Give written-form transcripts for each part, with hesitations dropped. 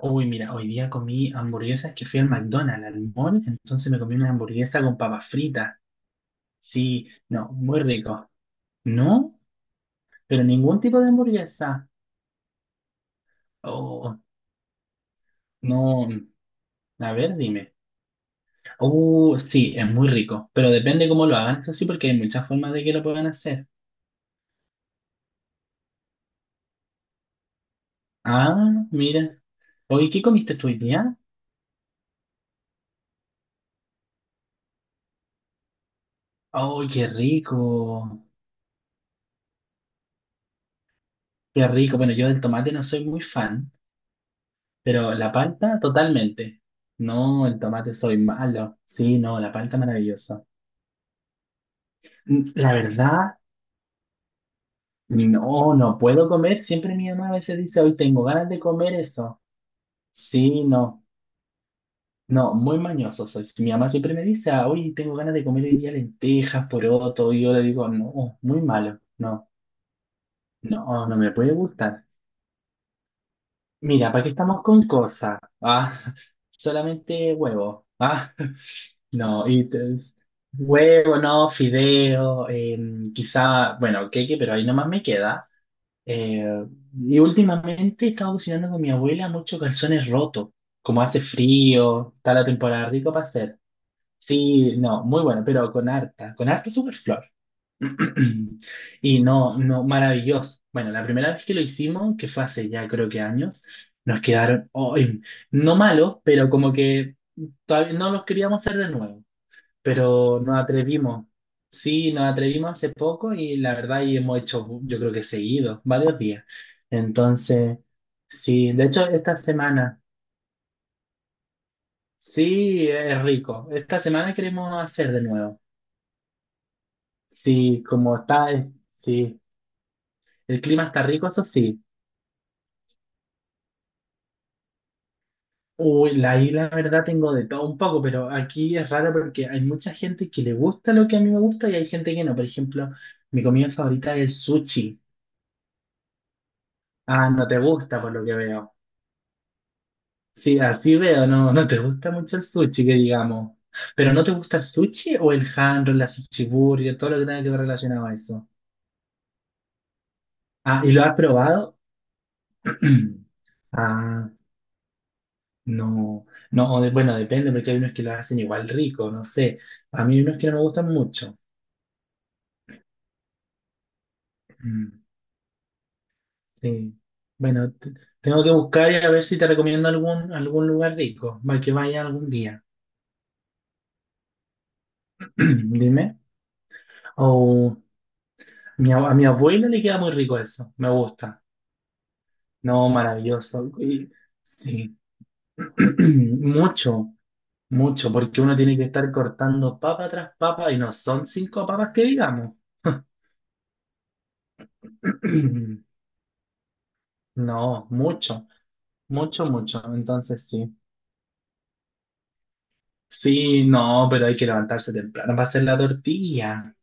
Uy, mira, hoy día comí hamburguesas que fui al McDonald's, al mall, entonces me comí una hamburguesa con papas fritas. Sí, no, muy rico. No, pero ningún tipo de hamburguesa. Oh, no, a ver, dime. Sí, es muy rico, pero depende cómo lo hagan, eso sí, porque hay muchas formas de que lo puedan hacer. Ah, mira. Oye, ¿qué comiste tú hoy día? Oh, qué rico, qué rico. Bueno, yo del tomate no soy muy fan. Pero la palta, totalmente. No, el tomate soy malo. Sí, no, la palta maravillosa. La verdad, no, no puedo comer. Siempre mi mamá a veces dice, hoy tengo ganas de comer eso. Sí, no. No, muy mañoso soy. Si mi mamá siempre me dice, "Ah, hoy tengo ganas de comer hoy día lentejas, poroto". Y yo le digo, no, muy malo. No, no, no me puede gustar. Mira, ¿para qué estamos con cosas? Ah, solamente huevo. Ah. No, y es huevo, no, fideo, quizá, bueno, queque, pero ahí nomás me queda. Eh, y últimamente he estado cocinando con mi abuela muchos calzones rotos. Como hace frío, está la temporada rico para hacer. Sí, no, muy bueno, pero con harta superflor. Y no, no, maravilloso. Bueno, la primera vez que lo hicimos, que fue hace ya creo que años, nos quedaron, ay, no malos, pero como que todavía no los queríamos hacer de nuevo, pero nos atrevimos. Sí, nos atrevimos hace poco y la verdad y hemos hecho, yo creo que seguido, varios días. Entonces, sí, de hecho esta semana, sí, es rico. Esta semana queremos hacer de nuevo. Sí, como está, sí, el clima está rico, eso sí. Uy, la ahí la verdad tengo de todo un poco, pero aquí es raro porque hay mucha gente que le gusta lo que a mí me gusta y hay gente que no. Por ejemplo, mi comida favorita es el sushi. Ah, no te gusta por lo que veo. Sí, así veo, no, no te gusta mucho el sushi, que digamos. Pero ¿no te gusta el sushi o el hand roll, la sushi burger, todo lo que tenga que ver relacionado a eso? Ah, ¿y lo has probado? Ah, no, no, bueno, depende, porque hay unos que lo hacen igual rico, no sé. A mí hay unos que no me gustan mucho. Mm, sí. Bueno, tengo que buscar y a ver si te recomiendo algún lugar rico, para que vaya algún día. Dime. O a mi abuela le queda muy rico eso. Me gusta. No, maravilloso. Sí. Mucho, mucho, porque uno tiene que estar cortando papa tras papa y no son cinco papas que digamos. No, mucho, mucho, mucho. Entonces sí. Sí, no, pero hay que levantarse temprano para hacer la tortilla.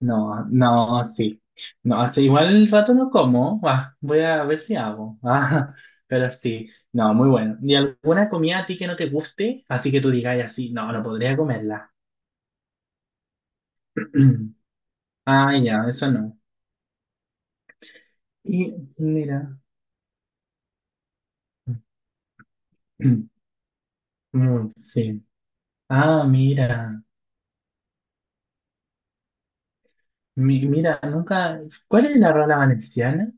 No, no, sí. No, hace igual el rato no como. Ah, voy a ver si hago. Ah, pero sí, no, muy bueno. ¿Y alguna comida a ti que no te guste? Así que tú digas así, no, no podría comerla. Ah, ya, eso no. Y mira. Mm, sí. Ah, mira. Mira, nunca. ¿Cuál es la rola valenciana?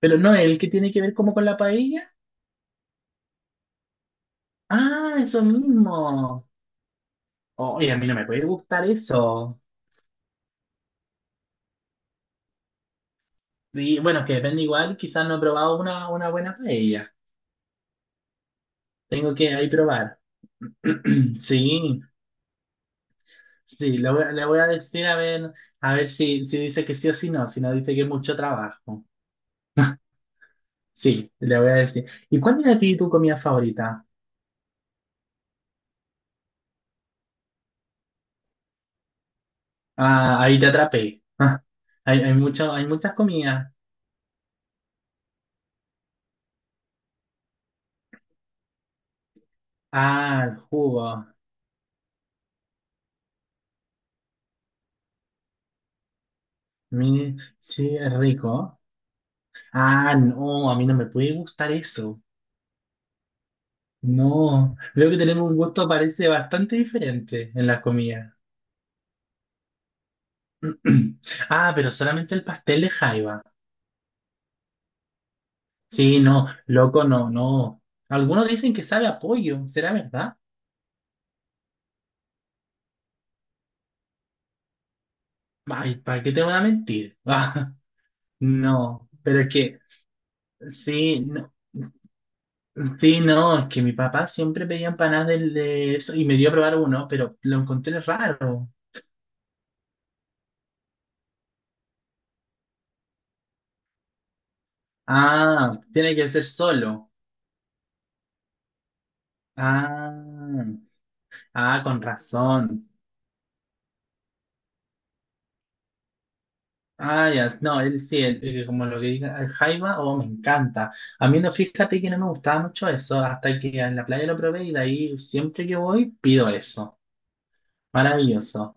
Pero no, el que tiene que ver como con la paella. Ah, eso mismo. Oye, a mí no me puede gustar eso. Sí, bueno, que depende igual, quizás no he probado una buena paella. Tengo que ahí probar. Sí, sí, le voy a decir a ver si, si dice que sí o si no, si no dice que es mucho trabajo. Sí, le voy a decir. ¿Y cuál es a ti tu comida favorita? Ah, ahí te atrapé. Ah, hay muchas comidas. Ah, el jugo. Sí, es rico. Ah, no, a mí no me puede gustar eso. No, veo que tenemos un gusto, parece bastante diferente en las comidas. Ah, pero solamente el pastel de jaiba. Sí, no, loco, no, no. Algunos dicen que sabe a pollo, ¿será verdad? Ay, ¿para qué te van a mentir? Ah, no, pero es que, sí, no, sí, no, es que mi papá siempre pedía empanadas de eso y me dio a probar uno, pero lo encontré raro. Ah, tiene que ser solo. Ah, ah, con razón. Ah, ya, no, él sí, él, como lo que diga el jaiba, oh, me encanta. A mí no, fíjate que no me gustaba mucho eso, hasta que en la playa lo probé y de ahí siempre que voy pido eso. Maravilloso.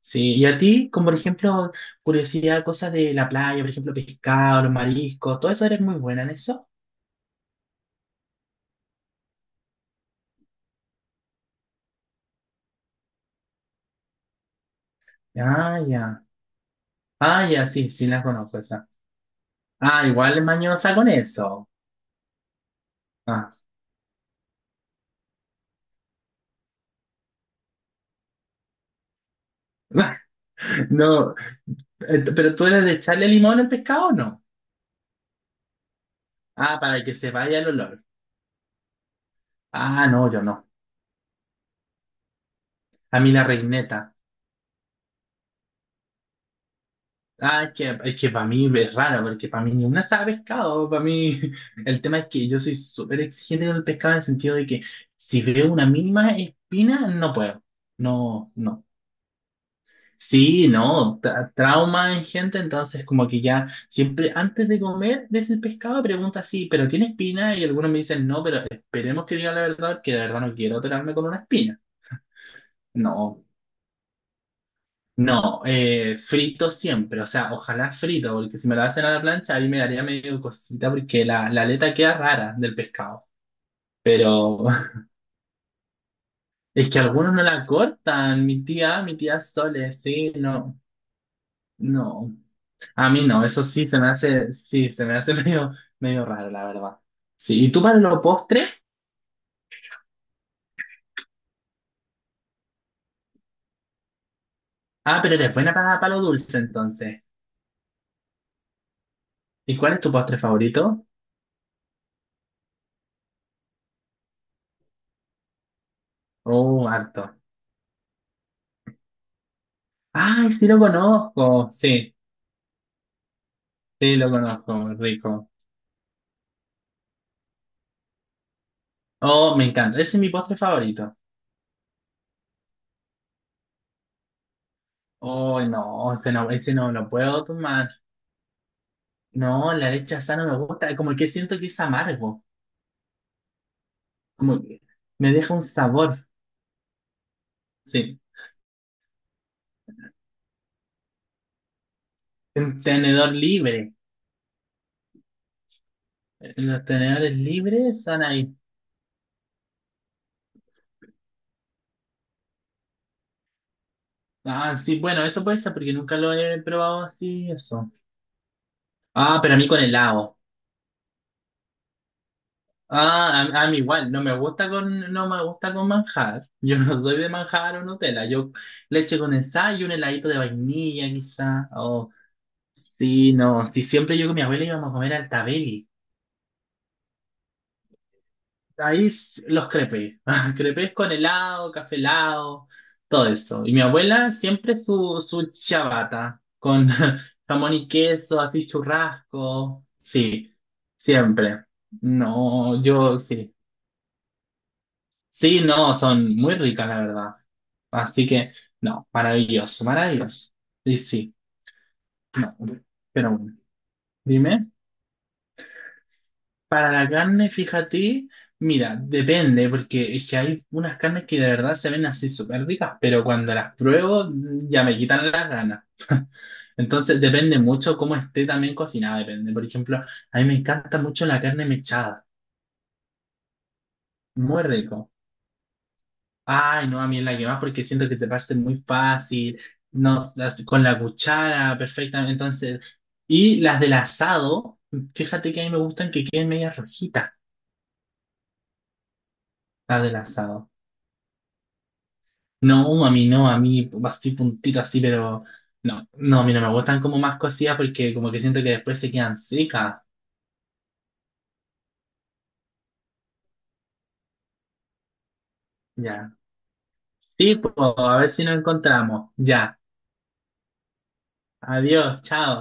Sí, y a ti, como por ejemplo, curiosidad, cosas de la playa, por ejemplo, pescado, los mariscos, todo eso eres muy buena en eso. Ah, ya. Ah, ya, sí, sí, la conozco esa. Ah, igual mañosa con eso. Ah. No, pero tú eres de echarle limón al pescado o no? Ah, para que se vaya el olor. Ah, no, yo no. A mí la reineta. Ah, es que para mí es rara, porque para mí ni una sabe pescado. Para mí, el tema es que yo soy súper exigente con el pescado en el sentido de que si veo una mínima espina, no puedo. No, no. Sí, no. Trauma en gente, entonces, como que ya siempre antes de comer desde el pescado pregunta así, ¿pero tiene espina? Y algunos me dicen no, pero esperemos que diga la verdad, que de verdad no quiero operarme con una espina. No. No, frito siempre, o sea, ojalá frito, porque si me la hacen a la plancha, ahí me daría medio cosita porque la aleta queda rara del pescado. Pero es que algunos no la cortan, mi tía Sole, sí, no, no. A mí no, eso sí se me hace, sí, se me hace medio, medio raro, la verdad. Sí, ¿y tú para los postres? Ah, pero eres buena para lo dulce entonces. ¿Y cuál es tu postre favorito? Oh, harto. Ay, sí lo conozco, sí, sí lo conozco, rico. Oh, me encanta. Ese es mi postre favorito. Oh, no, ese no, ese no lo puedo tomar. No, la leche asada no me gusta. Como que siento que es amargo. Como que me deja un sabor. Sí. Un tenedor libre. Los tenedores libres están ahí. Ah, sí, bueno, eso puede ser porque nunca lo he probado así, eso. Ah, pero a mí con helado. Ah, a mí igual. No me gusta con, no me gusta con manjar. Yo no soy de manjar o Nutella. Yo leche condensada y un heladito de vainilla, quizá. Oh, sí, no, sí, siempre yo con mi abuela íbamos a comer al Tabeli. Ahí los crepes, crepes con helado, café helado, todo eso. Y mi abuela siempre su, ciabatta con jamón y queso, así churrasco. Sí, siempre. No, yo sí. Sí, no, son muy ricas, la verdad. Así que, no, maravilloso, maravilloso. Y sí, no, pero bueno, dime. Para la carne, fíjate, mira, depende, porque es que hay unas carnes que de verdad se ven así súper ricas, pero cuando las pruebo ya me quitan las ganas. Entonces depende mucho cómo esté también cocinada, depende. Por ejemplo, a mí me encanta mucho la carne mechada, muy rico. Ay, no, a mí es la que más porque siento que se parte muy fácil, no, con la cuchara, perfectamente. Entonces, y las del asado, fíjate que a mí me gustan que queden medias rojitas, las del asado. No, a mí no, a mí así puntito así, pero no, no, a mí no me gustan como más cocidas porque como que siento que después se quedan secas. Ya. Sí, pues, a ver si nos encontramos. Ya. Adiós, chao.